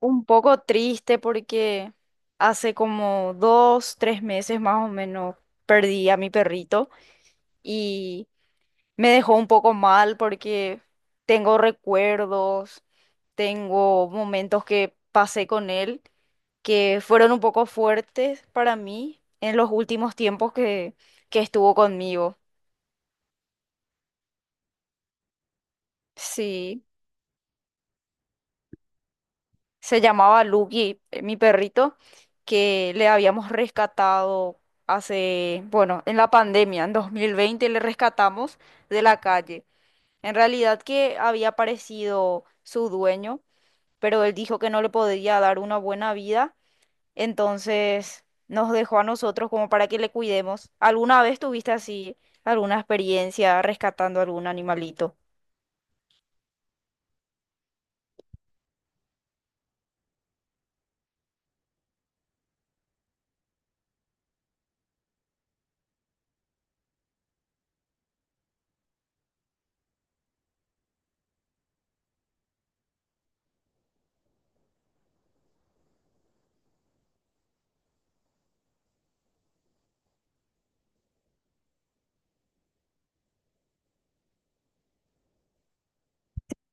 Un poco triste porque hace como dos, tres meses más o menos perdí a mi perrito y me dejó un poco mal porque tengo recuerdos, tengo momentos que pasé con él que fueron un poco fuertes para mí en los últimos tiempos que estuvo conmigo. Sí. Se llamaba Lucky, mi perrito, que le habíamos rescatado hace, bueno, en la pandemia, en 2020 le rescatamos de la calle. En realidad que había aparecido su dueño, pero él dijo que no le podía dar una buena vida, entonces nos dejó a nosotros como para que le cuidemos. ¿Alguna vez tuviste así alguna experiencia rescatando algún animalito?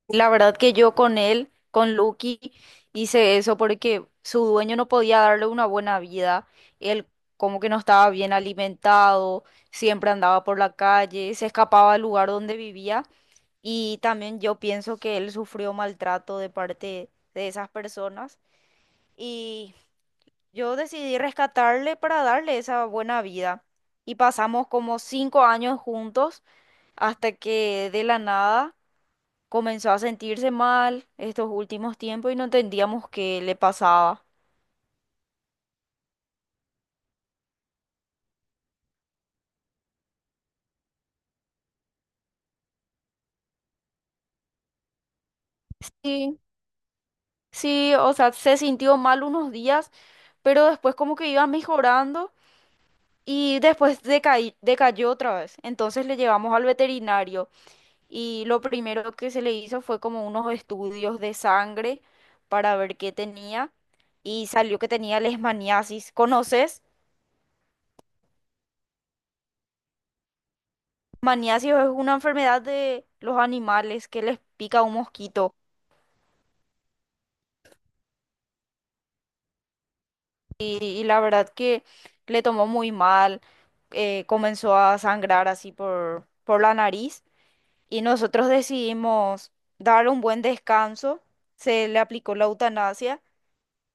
La verdad que yo con él, con Lucky, hice eso porque su dueño no podía darle una buena vida. Él como que no estaba bien alimentado, siempre andaba por la calle, se escapaba del lugar donde vivía y también yo pienso que él sufrió maltrato de parte de esas personas y yo decidí rescatarle para darle esa buena vida. Y pasamos como 5 años juntos hasta que de la nada comenzó a sentirse mal estos últimos tiempos y no entendíamos qué le pasaba. Sí, sí, o sea, se sintió mal unos días, pero después como que iba mejorando y después decayó otra vez. Entonces le llevamos al veterinario y lo primero que se le hizo fue como unos estudios de sangre para ver qué tenía y salió que tenía leishmaniasis. ¿Conoces? Maniasis es una enfermedad de los animales que les pica un mosquito. Y la verdad que le tomó muy mal, comenzó a sangrar así por la nariz y nosotros decidimos dar un buen descanso, se le aplicó la eutanasia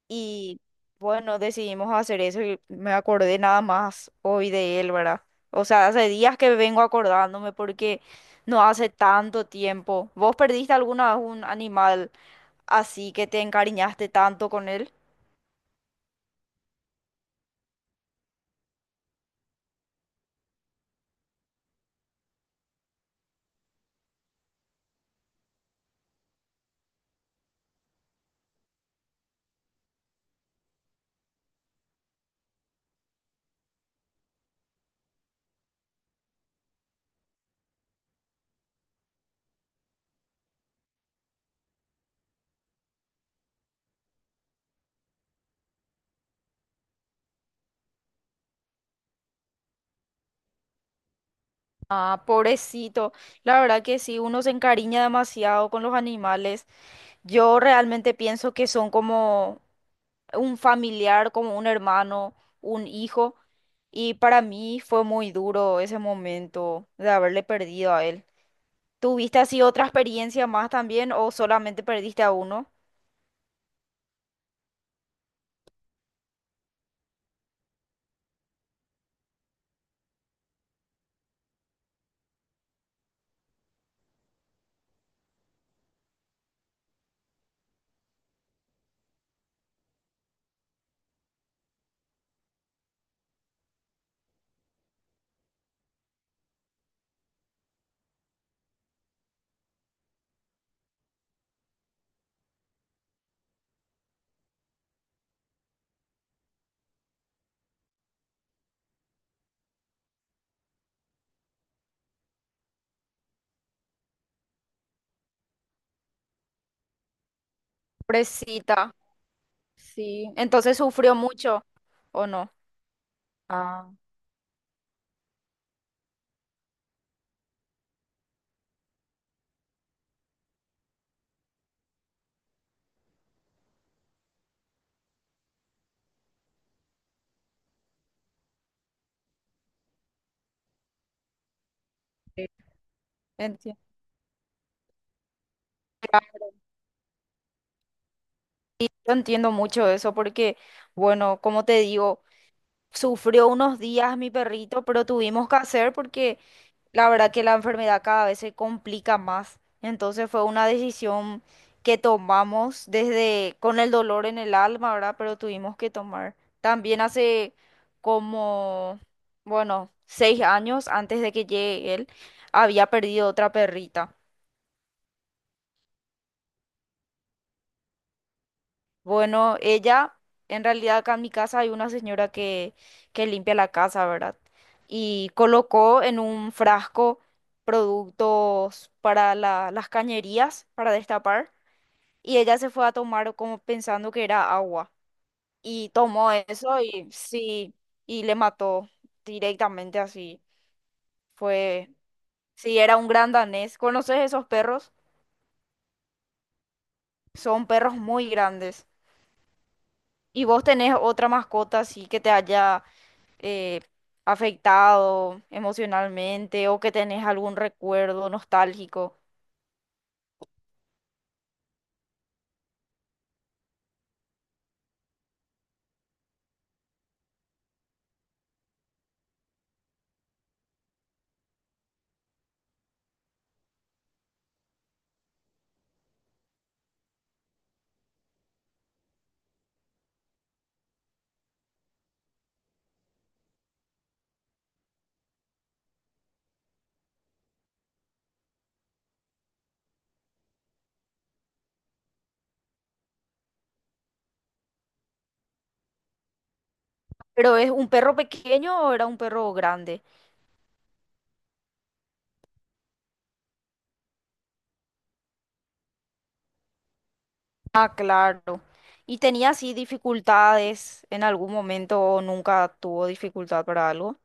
y bueno, decidimos hacer eso y me acordé nada más hoy de él, ¿verdad? O sea, hace días que vengo acordándome porque no hace tanto tiempo. ¿Vos perdiste alguna vez un animal así que te encariñaste tanto con él? Ah, pobrecito. La verdad que sí, uno se encariña demasiado con los animales. Yo realmente pienso que son como un familiar, como un hermano, un hijo. Y para mí fue muy duro ese momento de haberle perdido a él. ¿Tuviste así otra experiencia más también o solamente perdiste a uno? Pobrecita. Sí. Entonces sufrió mucho, ¿o no? Ah. Entiendo. Yo entiendo mucho eso porque, bueno, como te digo. Sufrió unos días mi perrito, pero tuvimos que hacer porque la verdad que la enfermedad cada vez se complica más. Entonces fue una decisión que tomamos desde con el dolor en el alma, ¿verdad? Pero tuvimos que tomar. También hace como, bueno, 6 años antes de que llegue él, había perdido otra perrita. Bueno, ella, en realidad acá en mi casa hay una señora que limpia la casa, ¿verdad? Y colocó en un frasco productos para las cañerías, para destapar, y ella se fue a tomar como pensando que era agua. Y tomó eso y sí, y le mató directamente así. Fue, sí, era un gran danés. ¿Conoces esos perros? Son perros muy grandes. ¿Y vos tenés otra mascota así que te haya eh, afectado emocionalmente o que tenés algún recuerdo nostálgico? ¿Pero es un perro pequeño o era un perro grande? Ah, claro. ¿Y tenía así dificultades en algún momento o nunca tuvo dificultad para algo?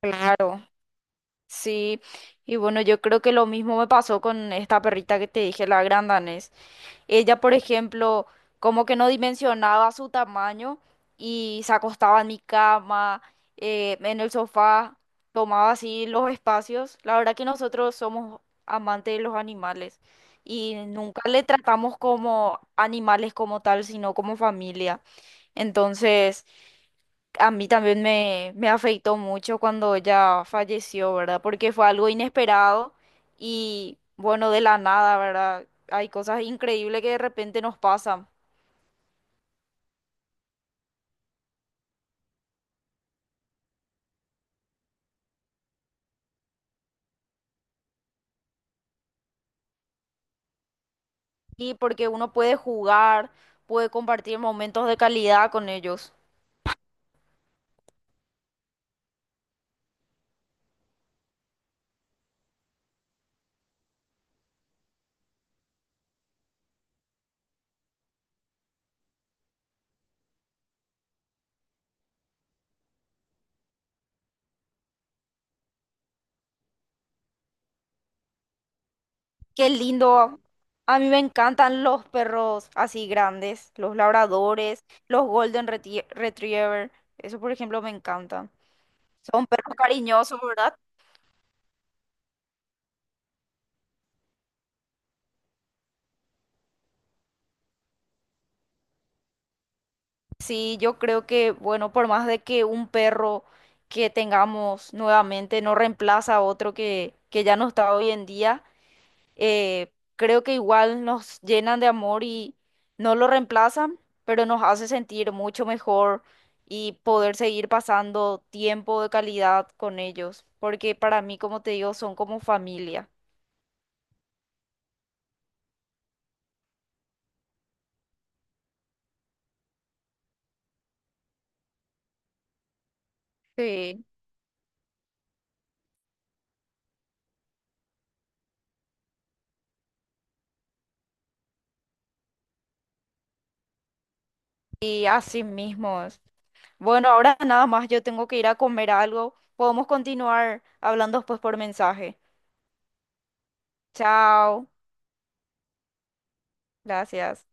Claro, sí. Y bueno, yo creo que lo mismo me pasó con esta perrita que te dije, la gran danés. Ella, por ejemplo, como que no dimensionaba su tamaño y se acostaba en mi cama, en el sofá, tomaba así los espacios. La verdad que nosotros somos amantes de los animales y nunca le tratamos como animales como tal, sino como familia. Entonces, a mí también me afectó mucho cuando ella falleció, ¿verdad? Porque fue algo inesperado y bueno, de la nada, ¿verdad? Hay cosas increíbles que de repente nos pasan. Y porque uno puede jugar, puede compartir momentos de calidad con ellos. Qué lindo. A mí me encantan los perros así grandes, los labradores, los golden retriever. Eso, por ejemplo, me encantan. Son perros cariñosos, ¿verdad? Sí, yo creo que, bueno, por más de que un perro que tengamos nuevamente no reemplaza a otro que ya no está hoy en día, creo que igual nos llenan de amor y no lo reemplazan, pero nos hace sentir mucho mejor y poder seguir pasando tiempo de calidad con ellos, porque para mí, como te digo, son como familia. Sí. Y así mismo es. Bueno, ahora nada más yo tengo que ir a comer algo. Podemos continuar hablando después por mensaje. Chao. Gracias.